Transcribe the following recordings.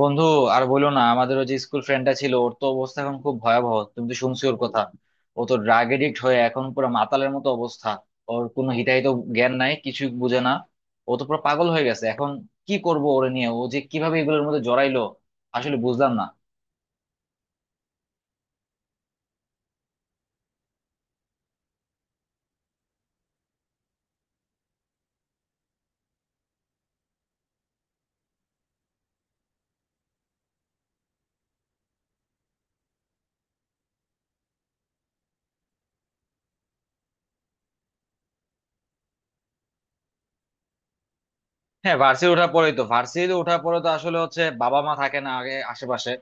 বন্ধু, আর বলো না। আমাদের ওই যে স্কুল ফ্রেন্ডটা ছিল, ওর তো অবস্থা এখন খুব ভয়াবহ। তুমি তো শুনছো ওর কথা। ও তো ড্রাগ এডিক্ট হয়ে এখন পুরো মাতালের মতো অবস্থা। ওর কোনো হিতাহিত জ্ঞান নাই, কিছু বুঝে না। ও তো পুরো পাগল হয়ে গেছে এখন। কি করব ওরে নিয়ে? ও যে কিভাবে এগুলোর মধ্যে জড়াইলো আসলে বুঝলাম না। হ্যাঁ, ভার্সিটি ওঠার পরে তো আসলে হচ্ছে বাবা মা থাকে না আগে আশেপাশে,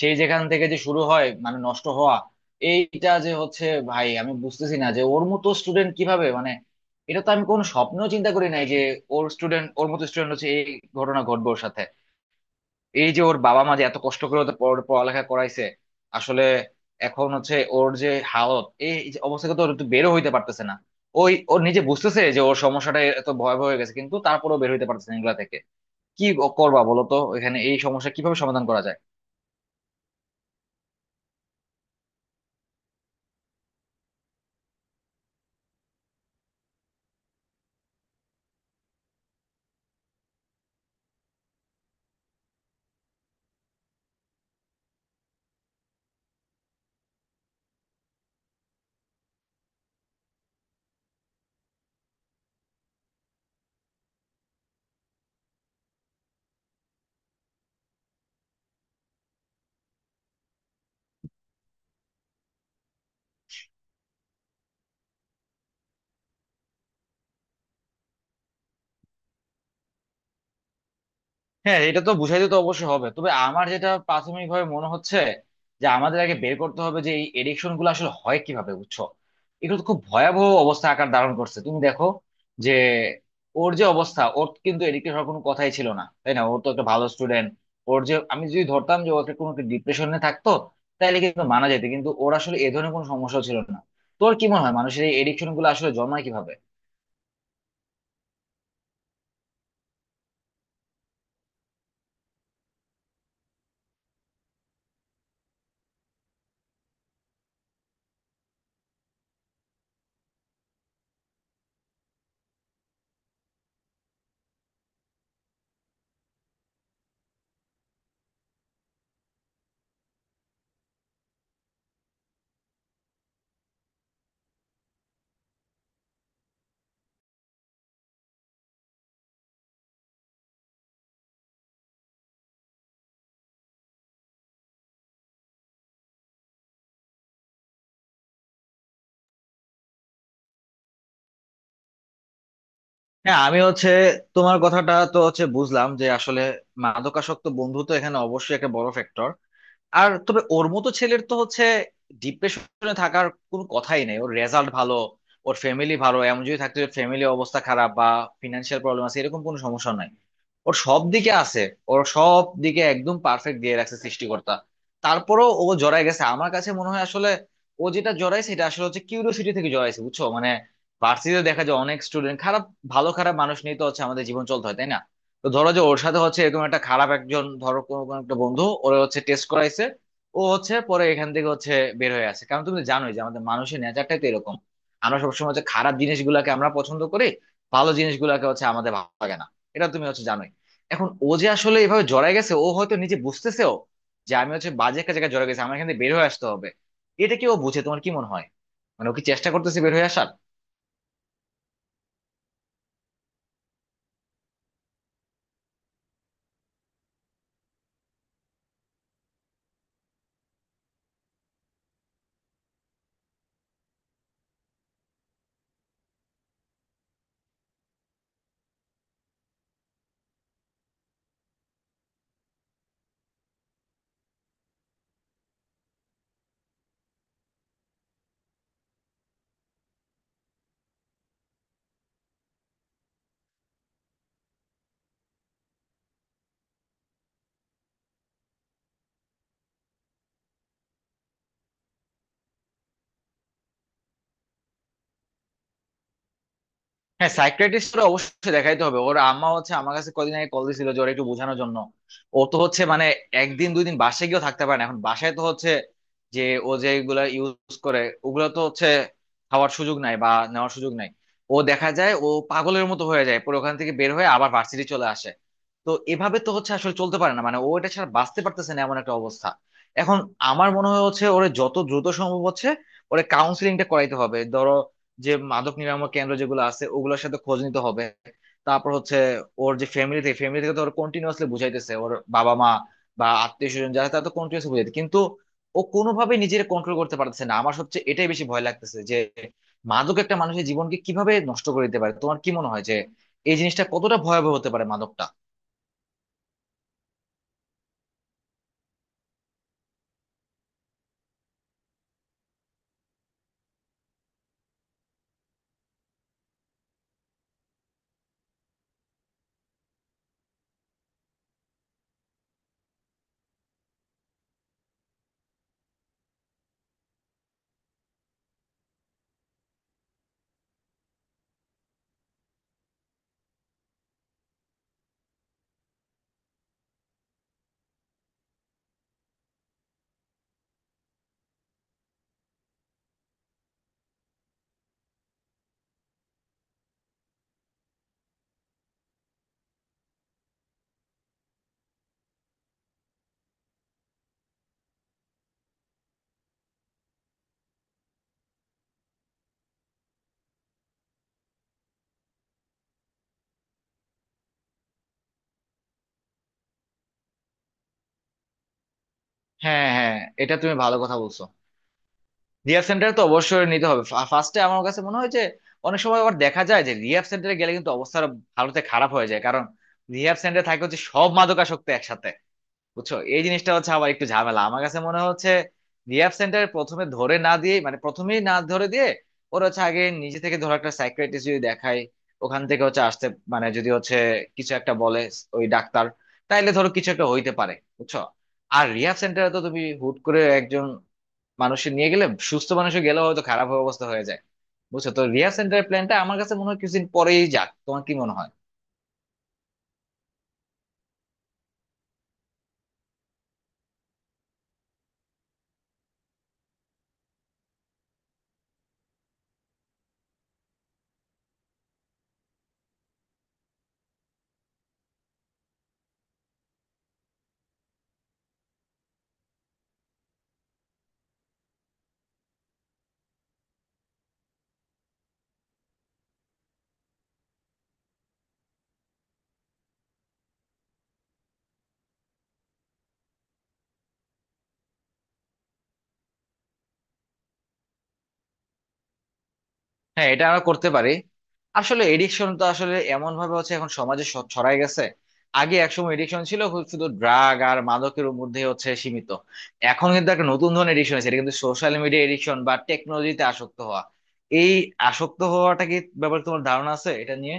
সেই যেখান থেকে যে শুরু হয় মানে নষ্ট হওয়া। এইটা যে হচ্ছে, ভাই আমি বুঝতেছি না যে ওর মতো স্টুডেন্ট কিভাবে মানে, এটা তো আমি কোনো স্বপ্নেও চিন্তা করি নাই যে ওর স্টুডেন্ট ওর মতো স্টুডেন্ট হচ্ছে এই ঘটনা ঘটবে ওর সাথে। এই যে ওর বাবা মা যে এত কষ্ট করে ওদের পড়ালেখা করাইছে আসলে, এখন হচ্ছে ওর যে হালত, এই যে অবস্থা থেকে তো ওর একটু বেরো হইতে পারতেছে না। ওই, ওর নিজে বুঝতেছে যে ওর সমস্যাটা এত ভয়াবহ হয়ে গেছে কিন্তু তারপরেও বের হইতে পারতেছে না এগুলা থেকে। কি করবা বলো তো, এখানে এই সমস্যা কিভাবে সমাধান করা যায়? হ্যাঁ, এটা তো বুঝাইতে তো অবশ্যই হবে, তবে আমার যেটা প্রাথমিকভাবে মনে হচ্ছে যে আমাদের আগে বের করতে হবে যে এই এডিকশন গুলো আসলে হয় কিভাবে, বুঝছো? এগুলো তো খুব ভয়াবহ অবস্থা আকার ধারণ করছে, তুমি দেখো যে ওর যে অবস্থা, ওর কিন্তু এডিক্টেড হওয়ার কোনো কথাই ছিল না, তাই না? ওর তো একটা ভালো স্টুডেন্ট। ওর যে, আমি যদি ধরতাম যে ওকে কোনো ডিপ্রেশনে থাকতো তাহলে কিন্তু মানা যেত, কিন্তু ওর আসলে এ ধরনের কোনো সমস্যা ছিল না। তোর কি মনে হয় মানুষের এই এডিকশন গুলো আসলে জন্মায় কিভাবে? হ্যাঁ, আমি হচ্ছে তোমার কথাটা তো হচ্ছে বুঝলাম যে আসলে মাদকাসক্ত বন্ধু তো এখানে অবশ্যই একটা বড় ফ্যাক্টর। আর তবে ওর মতো ছেলের তো হচ্ছে ডিপ্রেশনে থাকার কোনো কথাই নেই। ওর রেজাল্ট ভালো, ওর ফ্যামিলি ভালো। এমন যদি থাকতে ফ্যামিলি অবস্থা খারাপ বা ফিনান্সিয়াল প্রবলেম আছে, এরকম কোনো সমস্যা নাই। ওর সব দিকে আছে, ওর সব দিকে একদম পারফেক্ট দিয়ে রাখছে সৃষ্টিকর্তা। তারপরও ও জড়ায় গেছে। আমার কাছে মনে হয় আসলে ও যেটা জড়াইছে এটা আসলে হচ্ছে কিউরিওসিটি থেকে জড়াইছে, বুঝছো? মানে ভার্সিটিতে দেখা যায় অনেক স্টুডেন্ট খারাপ, ভালো খারাপ মানুষ নিয়ে তো হচ্ছে আমাদের জীবন চলতে হয়, তাই না? তো ধরো যে ওর সাথে হচ্ছে এরকম একটা খারাপ একজন ধরো কোনো কোনো একটা বন্ধু ওরে হচ্ছে টেস্ট করাইছে, ও হচ্ছে পরে এখান থেকে হচ্ছে বের হয়ে আসে। কারণ তুমি তো জানোই যে আমাদের মানুষের নেচারটাই তো এরকম, আমরা সবসময় হচ্ছে খারাপ জিনিসগুলোকে আমরা পছন্দ করি, ভালো জিনিসগুলোকে হচ্ছে আমাদের ভালো লাগে না। এটা তুমি হচ্ছে জানোই। এখন ও যে আসলে এভাবে জড়ায় গেছে, ও হয়তো নিজে বুঝতেছেও যে আমি হচ্ছে বাজে একটা জায়গায় জড়ায় গেছি, আমার এখান থেকে বের হয়ে আসতে হবে। এটা কি ও বুঝে, তোমার কি মনে হয়? মানে ও কি চেষ্টা করতেছে বের হয়ে আসার? হ্যাঁ, সাইকিয়াট্রিস্ট অবশ্যই দেখাইতে হবে। ওর আম্মা হচ্ছে আমার কাছে কদিন আগে কল দিছিল যে ওর একটু বোঝানোর জন্য। ও তো হচ্ছে মানে একদিন দুই দিন বাসায় গিয়েও থাকতে পারে না এখন। বাসায় তো হচ্ছে যে ও যেগুলা ইউজ করে ওগুলো তো হচ্ছে খাওয়ার সুযোগ নাই বা নেওয়ার সুযোগ নাই। ও দেখা যায় ও পাগলের মতো হয়ে যায়, পরে ওখান থেকে বের হয়ে আবার ভার্সিটি চলে আসে। তো এভাবে তো হচ্ছে আসলে চলতে পারে না, মানে ও এটা ছাড়া বাঁচতে পারতেছে না, এমন একটা অবস্থা। এখন আমার মনে হয় হচ্ছে ওরে যত দ্রুত সম্ভব হচ্ছে ওরে কাউন্সিলিংটা করাইতে হবে। ধরো যে মাদক নিরাময় কেন্দ্র যেগুলো আছে ওগুলোর সাথে খোঁজ নিতে হবে। তারপর হচ্ছে ওর যে ফ্যামিলি থেকে তো ওর কন্টিনিউয়াসলি বুঝাইতেছে ওর বাবা মা বা আত্মীয় স্বজন যারা, তারা তো কন্টিনিউয়াসলি বুঝাইতে কিন্তু ও কোনোভাবে নিজের কন্ট্রোল করতে পারতেছে না। আমার সবচেয়ে এটাই বেশি ভয় লাগতেছে যে মাদক একটা মানুষের জীবনকে কিভাবে নষ্ট করে দিতে পারে। তোমার কি মনে হয় যে এই জিনিসটা কতটা ভয়াবহ হতে পারে মাদকটা? হ্যাঁ, হ্যাঁ, এটা তুমি ভালো কথা বলছো। রিহাব সেন্টার তো অবশ্যই নিতে হবে। ফার্স্টে আমার কাছে মনে হয় যে অনেক সময় আবার দেখা যায় যে রিহাব সেন্টারে গেলে কিন্তু অবস্থা আরো ভালোতে খারাপ হয়ে যায়, কারণ রিহাব সেন্টারে থাকে হচ্ছে সব মাদকাসক্ত একসাথে, বুঝছো? এই জিনিসটা হচ্ছে আবার একটু ঝামেলা। আমার কাছে মনে হচ্ছে রিহ্যাব সেন্টার প্রথমে ধরে না দিয়ে, মানে প্রথমেই না ধরে দিয়ে, ওরা হচ্ছে আগে নিজে থেকে ধরো একটা সাইকিয়াট্রিস্ট যদি দেখায়, ওখান থেকে হচ্ছে আসতে, মানে যদি হচ্ছে কিছু একটা বলে ওই ডাক্তার, তাইলে ধরো কিছু একটা হইতে পারে, বুঝছো? আর রিহ্যাব সেন্টারে তো তুমি হুট করে একজন মানুষের নিয়ে গেলে সুস্থ মানুষের গেলেও হয়তো খারাপ অবস্থা হয়ে যায়, বুঝছো? তো রিহ্যাব সেন্টারের প্ল্যানটা আমার কাছে মনে হয় কিছুদিন পরেই যাক, তোমার কি মনে হয়? হ্যাঁ, এটা আমরা করতে পারি। আসলে এডিকশন তো আসলে এমন ভাবে হচ্ছে এখন সমাজে ছড়ায় গেছে। আগে একসময় এডিকশন ছিল শুধু ড্রাগ আর মাদকের মধ্যে হচ্ছে সীমিত, এখন কিন্তু একটা নতুন ধরনের এডিকশন আছে, এটা কিন্তু সোশ্যাল মিডিয়া এডিকশন বা টেকনোলজিতে আসক্ত হওয়া। এই আসক্ত হওয়াটা কি ব্যাপারে তোমার ধারণা আছে এটা নিয়ে?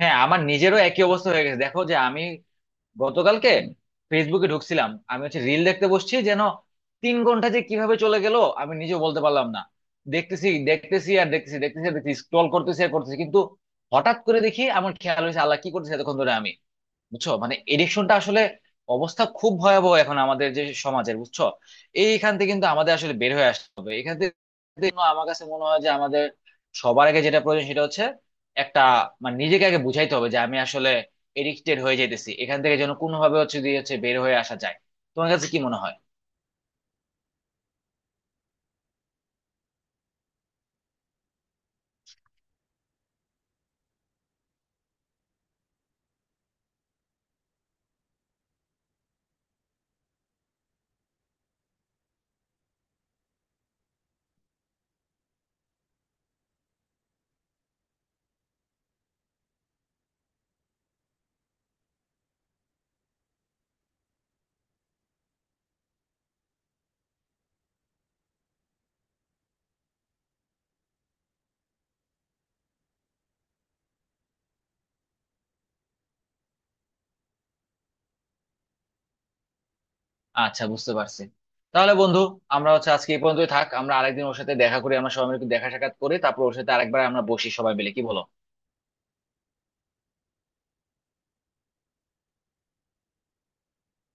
হ্যাঁ, আমার নিজেরও একই অবস্থা হয়ে গেছে। দেখো যে আমি গতকালকে ফেসবুকে ঢুকছিলাম, আমি হচ্ছে রিল দেখতে বসছি, যেন 3 ঘন্টা যে কিভাবে চলে গেল আমি নিজেও বলতে পারলাম না। দেখতেছি দেখতেছি আর দেখতেছি দেখতেছি আর দেখতেছি, স্ক্রল করতেছি আর করতেছি, কিন্তু হঠাৎ করে দেখি আমার খেয়াল হয়েছে আল্লাহ কি করতেছে এতক্ষণ ধরে আমি, বুঝছো? মানে এডিকশনটা আসলে অবস্থা খুব ভয়াবহ এখন আমাদের যে সমাজের, বুঝছো? এইখান থেকে কিন্তু আমাদের আসলে বের হয়ে আসতে হবে এখান থেকে, কিন্তু আমার কাছে মনে হয় যে আমাদের সবার আগে যেটা প্রয়োজন সেটা হচ্ছে একটা মানে নিজেকে আগে বুঝাইতে হবে যে আমি আসলে এডিক্টেড হয়ে যাইতেছি, এখান থেকে যেন কোনোভাবে হচ্ছে দিয়ে হচ্ছে বের হয়ে আসা যায়। তোমার কাছে কি মনে হয়? আচ্ছা, বুঝতে পারছি। তাহলে বন্ধু, আমরা হচ্ছে আজকে এই পর্যন্তই থাক, আমরা আরেকদিন ওর সাথে দেখা করি, আমরা সবাই মিলে একটু দেখা সাক্ষাৎ করি, তারপর ওর সাথে আরেকবার আমরা বসি সবাই মিলে, কি বলো?